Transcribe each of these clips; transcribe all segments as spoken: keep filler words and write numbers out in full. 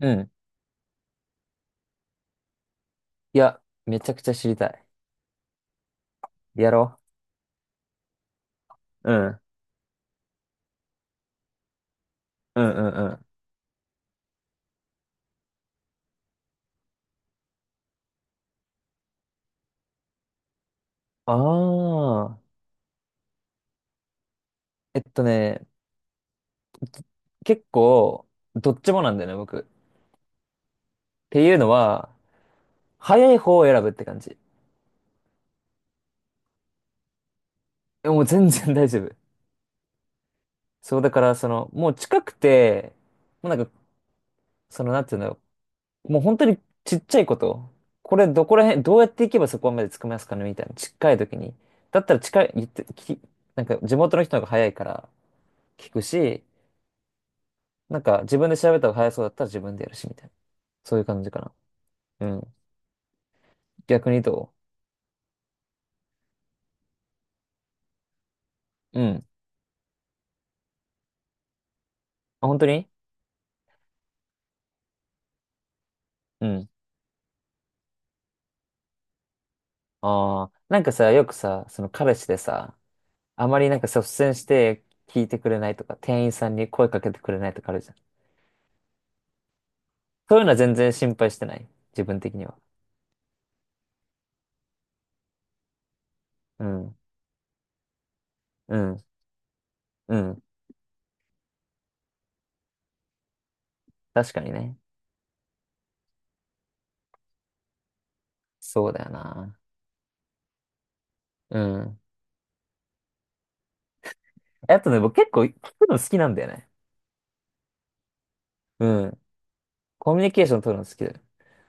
うん。いや、めちゃくちゃ知りたい。やろ。うん。うんうんうん。うん。ああ。えっとね、結構、どっちもなんだよね、僕。っていうのは、早い方を選ぶって感じ。え、もう全然大丈夫。そう、だから、その、もう近くて、もうなんか、その、なんていうんだろう。もう本当にちっちゃいこと。これ、どこら辺、どうやって行けばそこまで着きますかねみたいな。近い時に。だったら近い、言って、き、なんか、地元の人の方が早いから聞くし、なんか自分で調べた方が早そうだったら自分でやるし、みたいな。そういう感じかな。うん。逆にどううん。あ、本当に？うん。ああ、なんかさ、よくさ、その彼氏でさ、あまりなんか率先して聞いてくれないとか、店員さんに声かけてくれないとかあるじゃん。そういうのは全然心配してない。自分的には。うん。うん。うん。確かにね。そうだよな。うん。あとね、僕結構聞くの好きなんだよね。うん。コミュニケーション取るの好きだよ。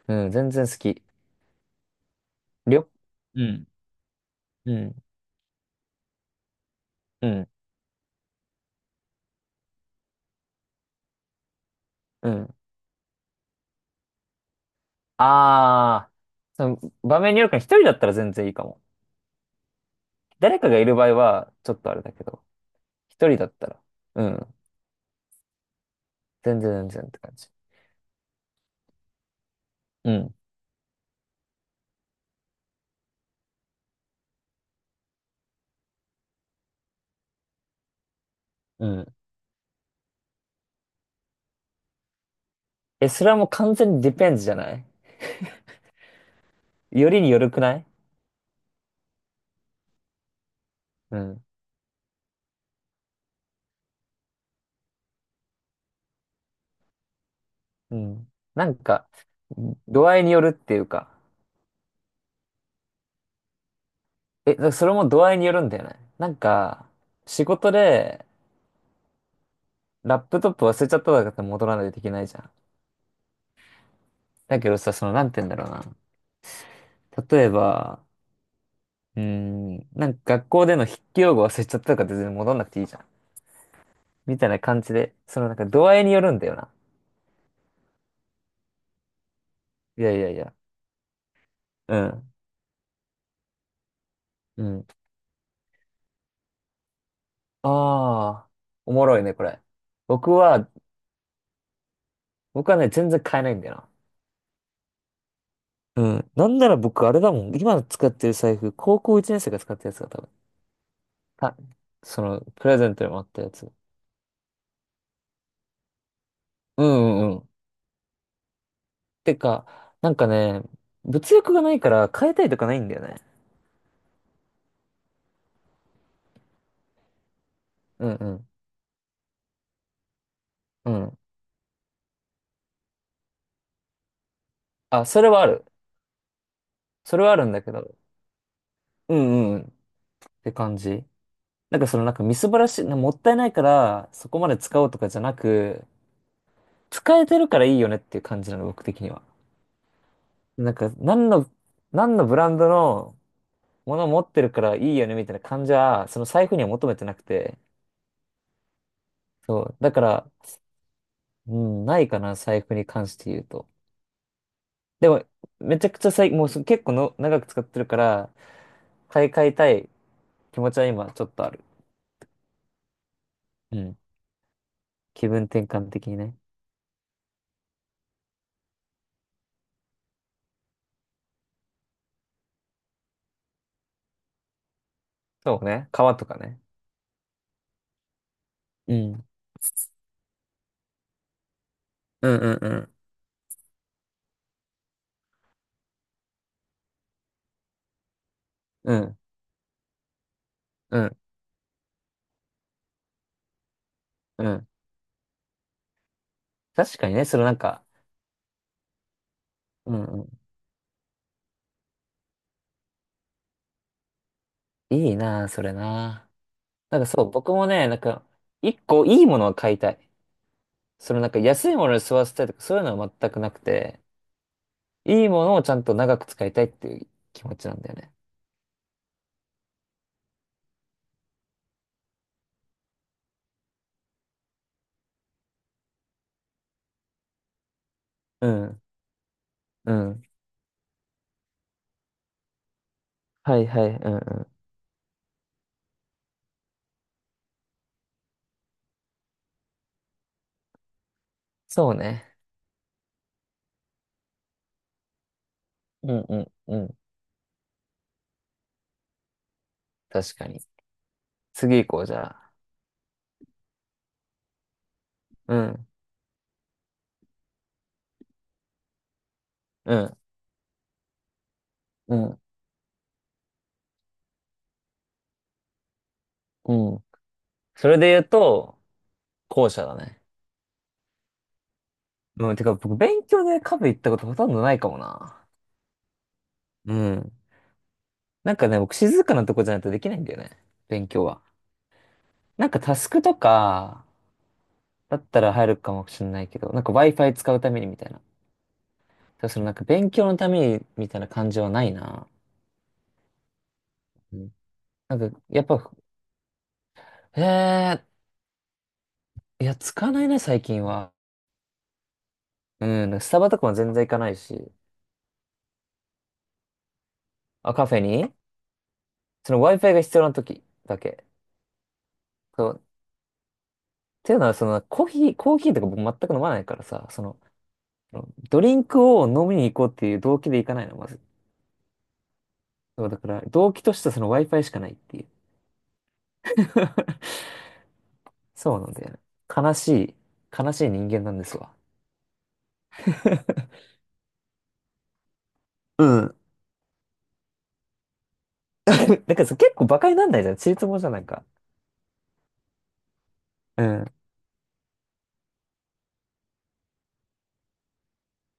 うん。全然好き。りょうん。うん。うん。うん。ああ、その場面によるから一人だったら全然いいかも。誰かがいる場合は、ちょっとあれだけど、一人だったら、うん、全然全然って感じ。うん。うん。え、それはもう完全にディペンズじゃない？よりによるくない？うん。うん。なんか、度合いによるっていうか。え、だからそれも度合いによるんだよね。なんか、仕事で、ラップトップ忘れちゃったとかって戻らないといけないじゃん。だけどさ、その、なんて言うんだろうな。例えば、うーん、なんか学校での筆記用語忘れちゃったとかって全然戻んなくていいじゃん。みたいな感じで、そのなんか度合いによるんだよな。いやいやいや。うん。うん。ああ、おもろいね、これ。僕は、僕はね、全然買えないんだよな。うん。なんなら僕、あれだもん。今使ってる財布、高校いちねん生が使ったやつが多分。た、その、プレゼントにもあったやつ。うんうんうん。てか、なんかね、物欲がないから変えたいとかないんだよね。うんうん。うん。あ、それはある。それはあるんだけど、うんうん、って感じ。なんかそのなんかみすぼらしい、なもったいないからそこまで使おうとかじゃなく、使えてるからいいよねっていう感じなの、僕的には。なんか、何の、何のブランドのものを持ってるからいいよねみたいな感じは、その財布には求めてなくて。そう。だから、うん、ないかな、財布に関して言うと。でも、めちゃくちゃ最、もうそ結構の長く使ってるから、買い替えたい気持ちは今ちょっとある。うん。気分転換的にね。そうね。革とかね。うん。うんうんうん。うんうんうん。確かにね、そのなんか、うんうん、いいなあ、それなあ。なんかそう、僕もね、なんか、一個いいものを買いたい。そのなんか安いものに吸わせたいとかそういうのは全くなくて、いいものをちゃんと長く使いたいっていう気持ちなんだよね。うん。うん。はいはい。うんうん。そうね。うんうんうん。確かに。次行こう、じゃあ。うん。うん。うん。うん。それで言うと、後者だね。うん、てか僕勉強でカフェ行ったことほとんどないかもな。うん。なんかね、僕静かなとこじゃないとできないんだよね。勉強は。なんかタスクとかだったら入るかもしれないけど、なんか Wi-Fi 使うためにみたいな。だそのなんか勉強のためにみたいな感じはないな。うん。なんかやっぱ、へえー、いや、使わないね、最近は。うん、なんかスタバとかも全然行かないし。あ、カフェに、その Wi-Fi が必要な時だけ。そう。っていうのは、その、コーヒー、コーヒーとか僕全く飲まないからさ、その、ドリンクを飲みに行こうっていう動機で行かないの、まず。そうだから、動機としてはその Wi-Fi しかないっていう。そうなんだよね。悲しい、悲しい人間なんですわ。うん。だからさ、結構馬鹿になんないじゃん。ちりつモじゃん、なんか。うん。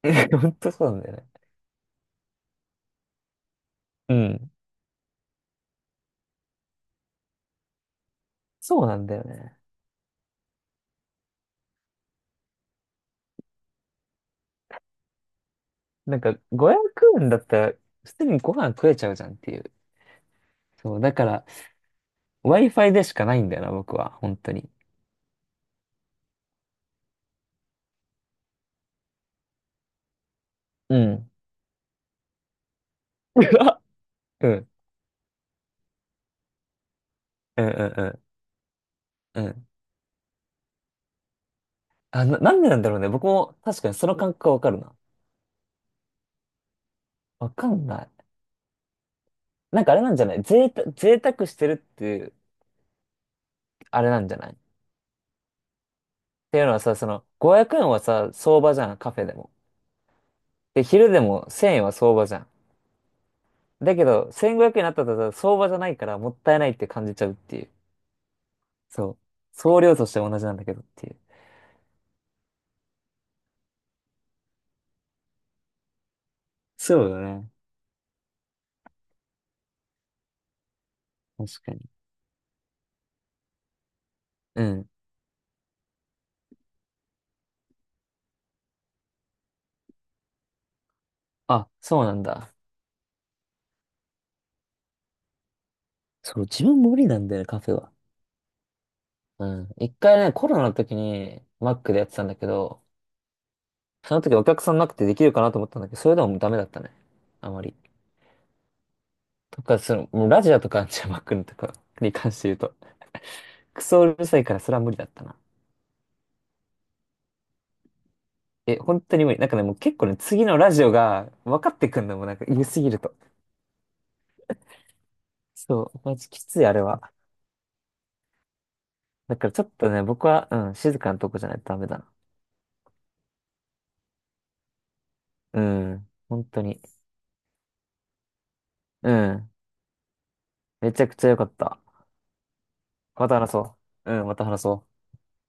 本当そうなんだよね。うん。そうなんだよね。なんか、ごひゃくえんだったら、普通にご飯食えちゃうじゃんっていう。そう、だから、Wi-Fi でしかないんだよな、僕は。本当に。うん。うんうんうんうんうん。うん。あ、な、なんでなんだろうね。僕も確かにその感覚はわかるな。わかんない。なんかあれなんじゃない？贅沢、贅沢してるっていう、あれなんじゃない？っていうのはさ、その、ごひゃくえんはさ、相場じゃん、カフェでも。で、昼でもせんえんは相場じゃん。だけど、せんごひゃくえんになったらさ相場じゃないからもったいないって感じちゃうっていう。そう。総量としては同じなんだけどっていう。そうだね。確かに。うん。あ、そうなんだ。そう、自分無理なんだよね、カフェは。うん。一回ね、コロナの時に、マックでやってたんだけど、その時お客さんなくてできるかなと思ったんだけど、それでもダメだったね。あまり。とか、その、もうラジオとかジャマックンとか に関して言うと、クソうるさいからそれは無理だったな。え、本当に無理。なんかね、もう結構ね、次のラジオが分かってくんのもなんか言いすぎると。そう、マジきついあれは。だからちょっとね、僕は、うん、静かなとこじゃないとダメだな。うん、本当に。うん、めちゃくちゃ良かった。また話そう。うん、また話そう。